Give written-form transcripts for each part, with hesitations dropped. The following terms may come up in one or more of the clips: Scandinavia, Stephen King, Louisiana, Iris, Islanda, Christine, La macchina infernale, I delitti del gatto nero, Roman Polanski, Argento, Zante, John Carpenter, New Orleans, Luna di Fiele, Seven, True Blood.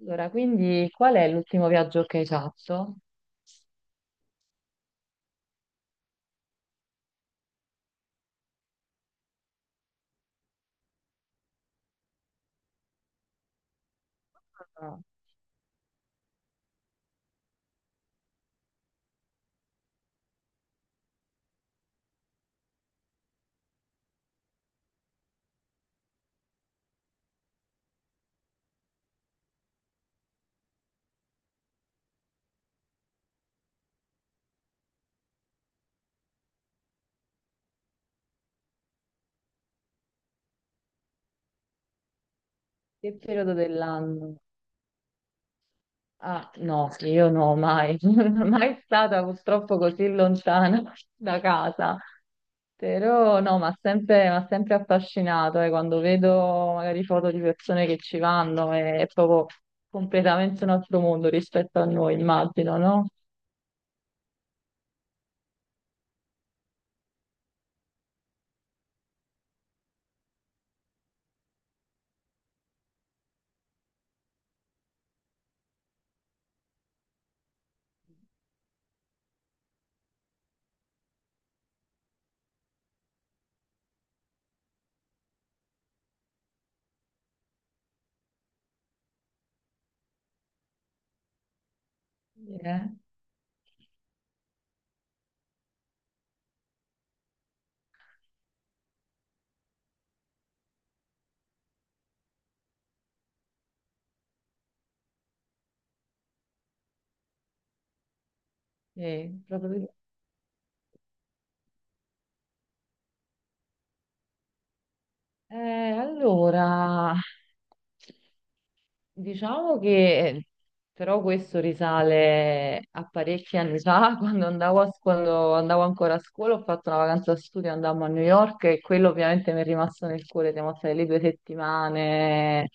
Allora, quindi qual è l'ultimo viaggio che hai fatto? Ah. Che periodo dell'anno? Ah, no, sì, io no, mai, non sono mai stata purtroppo così lontana da casa. Però no, m'ha sempre affascinato, quando vedo magari foto di persone che ci vanno, è proprio completamente un altro mondo rispetto a noi, immagino, no? Eh, sì, proprio- eh, allora, Diciamo che però questo risale a parecchi anni fa, quando quando andavo ancora a scuola, ho fatto una vacanza da studio, andammo a New York e quello ovviamente mi è rimasto nel cuore, siamo state lì 2 settimane,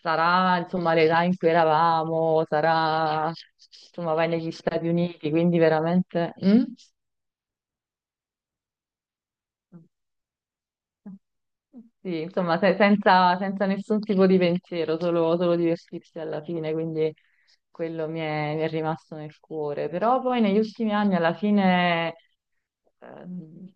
sarà insomma l'età in cui eravamo, sarà insomma vai negli Stati Uniti, quindi veramente... Mm? Sì, insomma, senza nessun tipo di pensiero, solo divertirsi alla fine, quindi quello mi è rimasto nel cuore. Però poi negli ultimi anni, alla fine, ehm,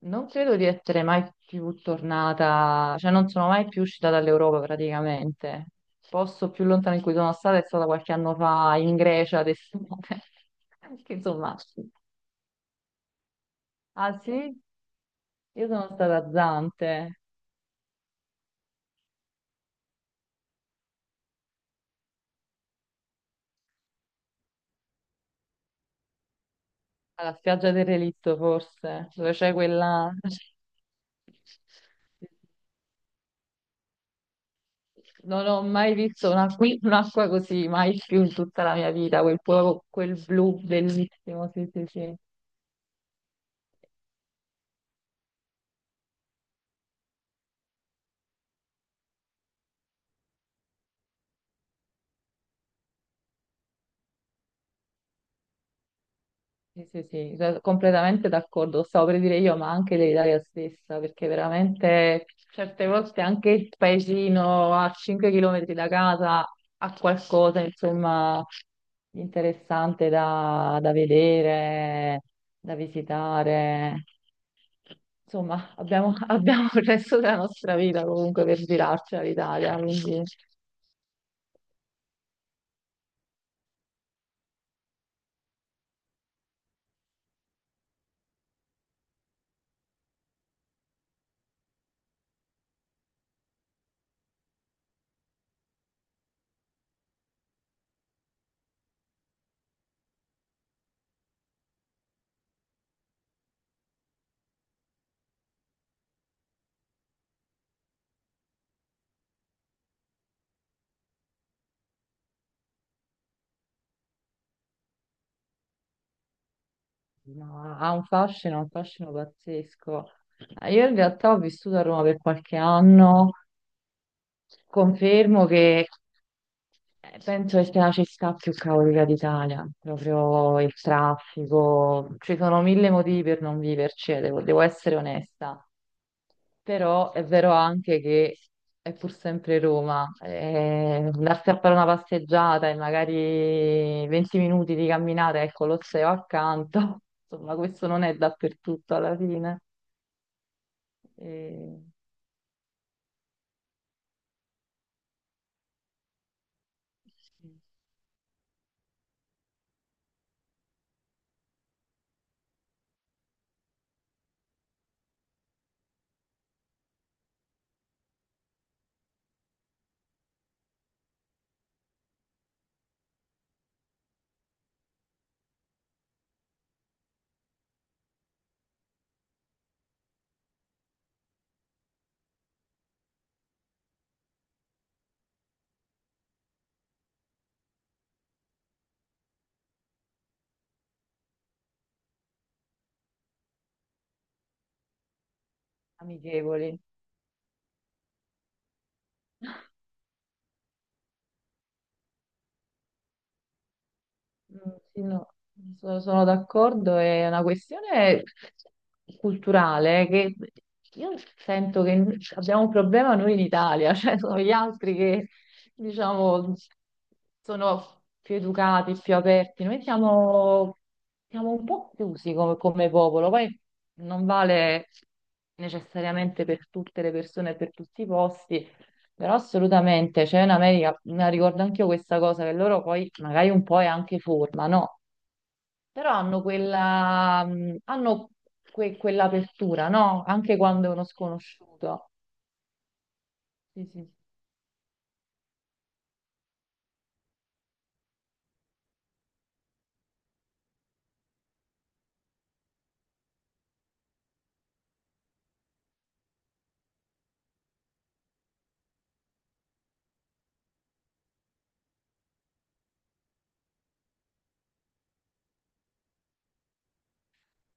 non credo di essere mai più tornata, cioè non sono mai più uscita dall'Europa praticamente. Il posto più lontano in cui sono stata è stata qualche anno fa in Grecia, ad estate. Che, insomma, ah sì? Io sono stata a Zante. Alla spiaggia del relitto, forse, dove c'è quella... Non ho mai visto un'acqua così, mai più in tutta la mia vita, quel blu bellissimo, sì, sì, sì. Sì, sì, sì, da- completamente d'accordo, lo stavo per dire io, ma anche l'Italia stessa, perché veramente certe volte anche il paesino a 5 km da casa ha qualcosa, insomma, di interessante da vedere, da visitare. Insomma, abbiamo il resto della nostra vita comunque per girarci all'Italia, quindi no, ha un fascino pazzesco. Io in realtà ho vissuto a Roma per qualche anno. Confermo che penso che sia la città più caotica d'Italia, proprio il traffico, ci sono 1000 motivi per non viverci, devo essere onesta, però è vero anche che è pur sempre Roma, andarsi a fare una passeggiata e magari 20 minuti di camminata e il Colosseo accanto, insomma questo non è dappertutto alla fine. Eh, amichevoli. Mm, sì, no, sono d'accordo, è una questione culturale che io sento che abbiamo un problema noi in Italia, cioè sono gli altri che diciamo sono più educati, più aperti, siamo un po' chiusi come, come popolo, poi non vale necessariamente per tutte le persone e per tutti i posti, però assolutamente, cioè in America, me la ricordo anche io questa cosa, che loro poi magari un po' è anche forma, no? Però hanno quella, hanno quell'apertura, no? Anche quando è uno sconosciuto. Sì, sì,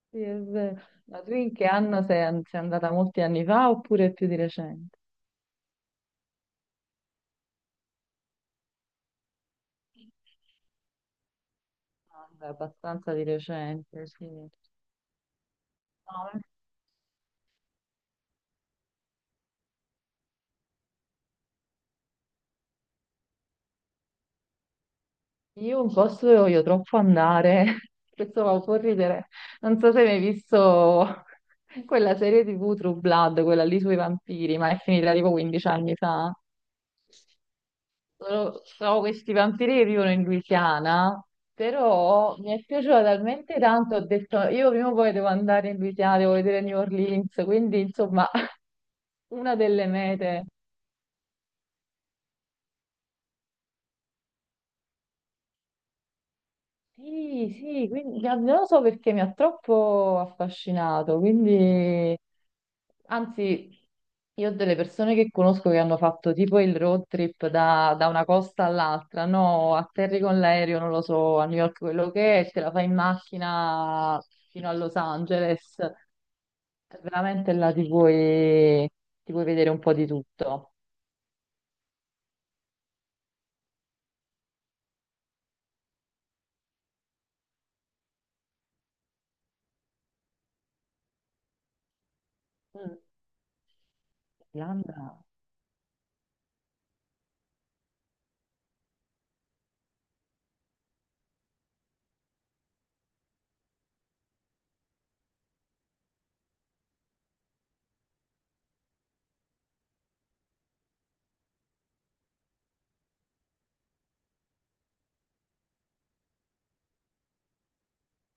sì, è vero. Ma tu in che anno sei andata molti anni fa oppure più di recente? Ah, beh, abbastanza di recente, sì. No, io un posto dove voglio troppo andare, questo va un po' a ridere, non so se hai mai visto quella serie TV True Blood, quella lì sui vampiri, ma è finita tipo 15 anni fa. Sono questi vampiri che vivono in Louisiana, però mi è piaciuta talmente tanto, ho detto io prima o poi devo andare in Louisiana, devo vedere New Orleans, quindi insomma una delle mete. Sì, sì, quindi non lo so perché mi ha troppo affascinato, quindi... Anzi, io ho delle persone che conosco che hanno fatto tipo il road trip da una costa all'altra, no, atterri con l'aereo, non lo so, a New York quello che è, te la fai in macchina fino a Los Angeles, veramente là ti puoi vedere un po' di tutto. Mm, Irlanda?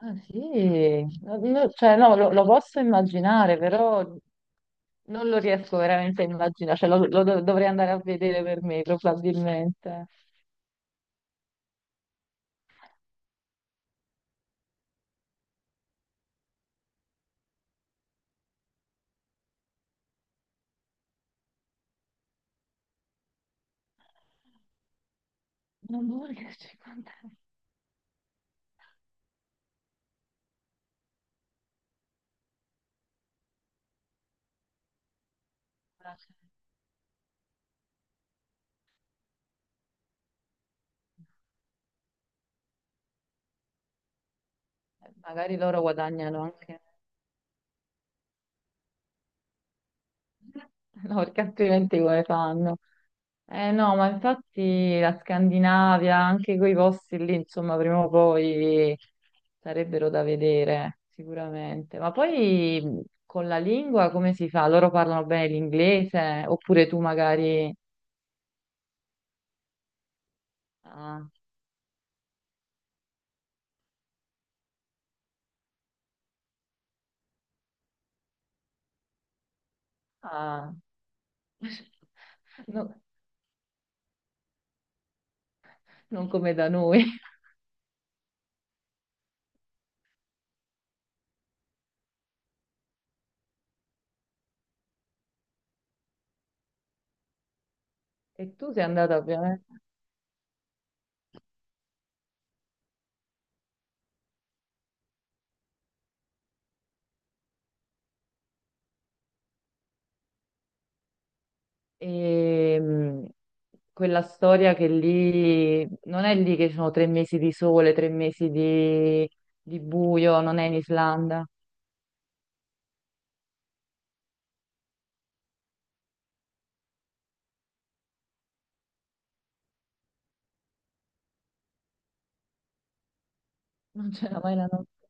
Ah sì, no, no, cioè no, lo posso immaginare, però non lo riesco veramente a immaginare, cioè dovrei andare a vedere per me probabilmente. Non voglio 50. Magari loro guadagnano anche, no, perché altrimenti come fanno? Eh no, ma infatti la Scandinavia, anche quei posti lì, insomma, prima o poi sarebbero da vedere, sicuramente. Ma poi con la lingua come si fa? Loro parlano bene l'inglese? Oppure tu magari... ah, ah, no, non come da noi. E tu sei andata ovviamente. E, quella storia che lì non è lì che ci sono 3 mesi di sole, 3 mesi di buio, non è in Islanda, non c'era mai la notte.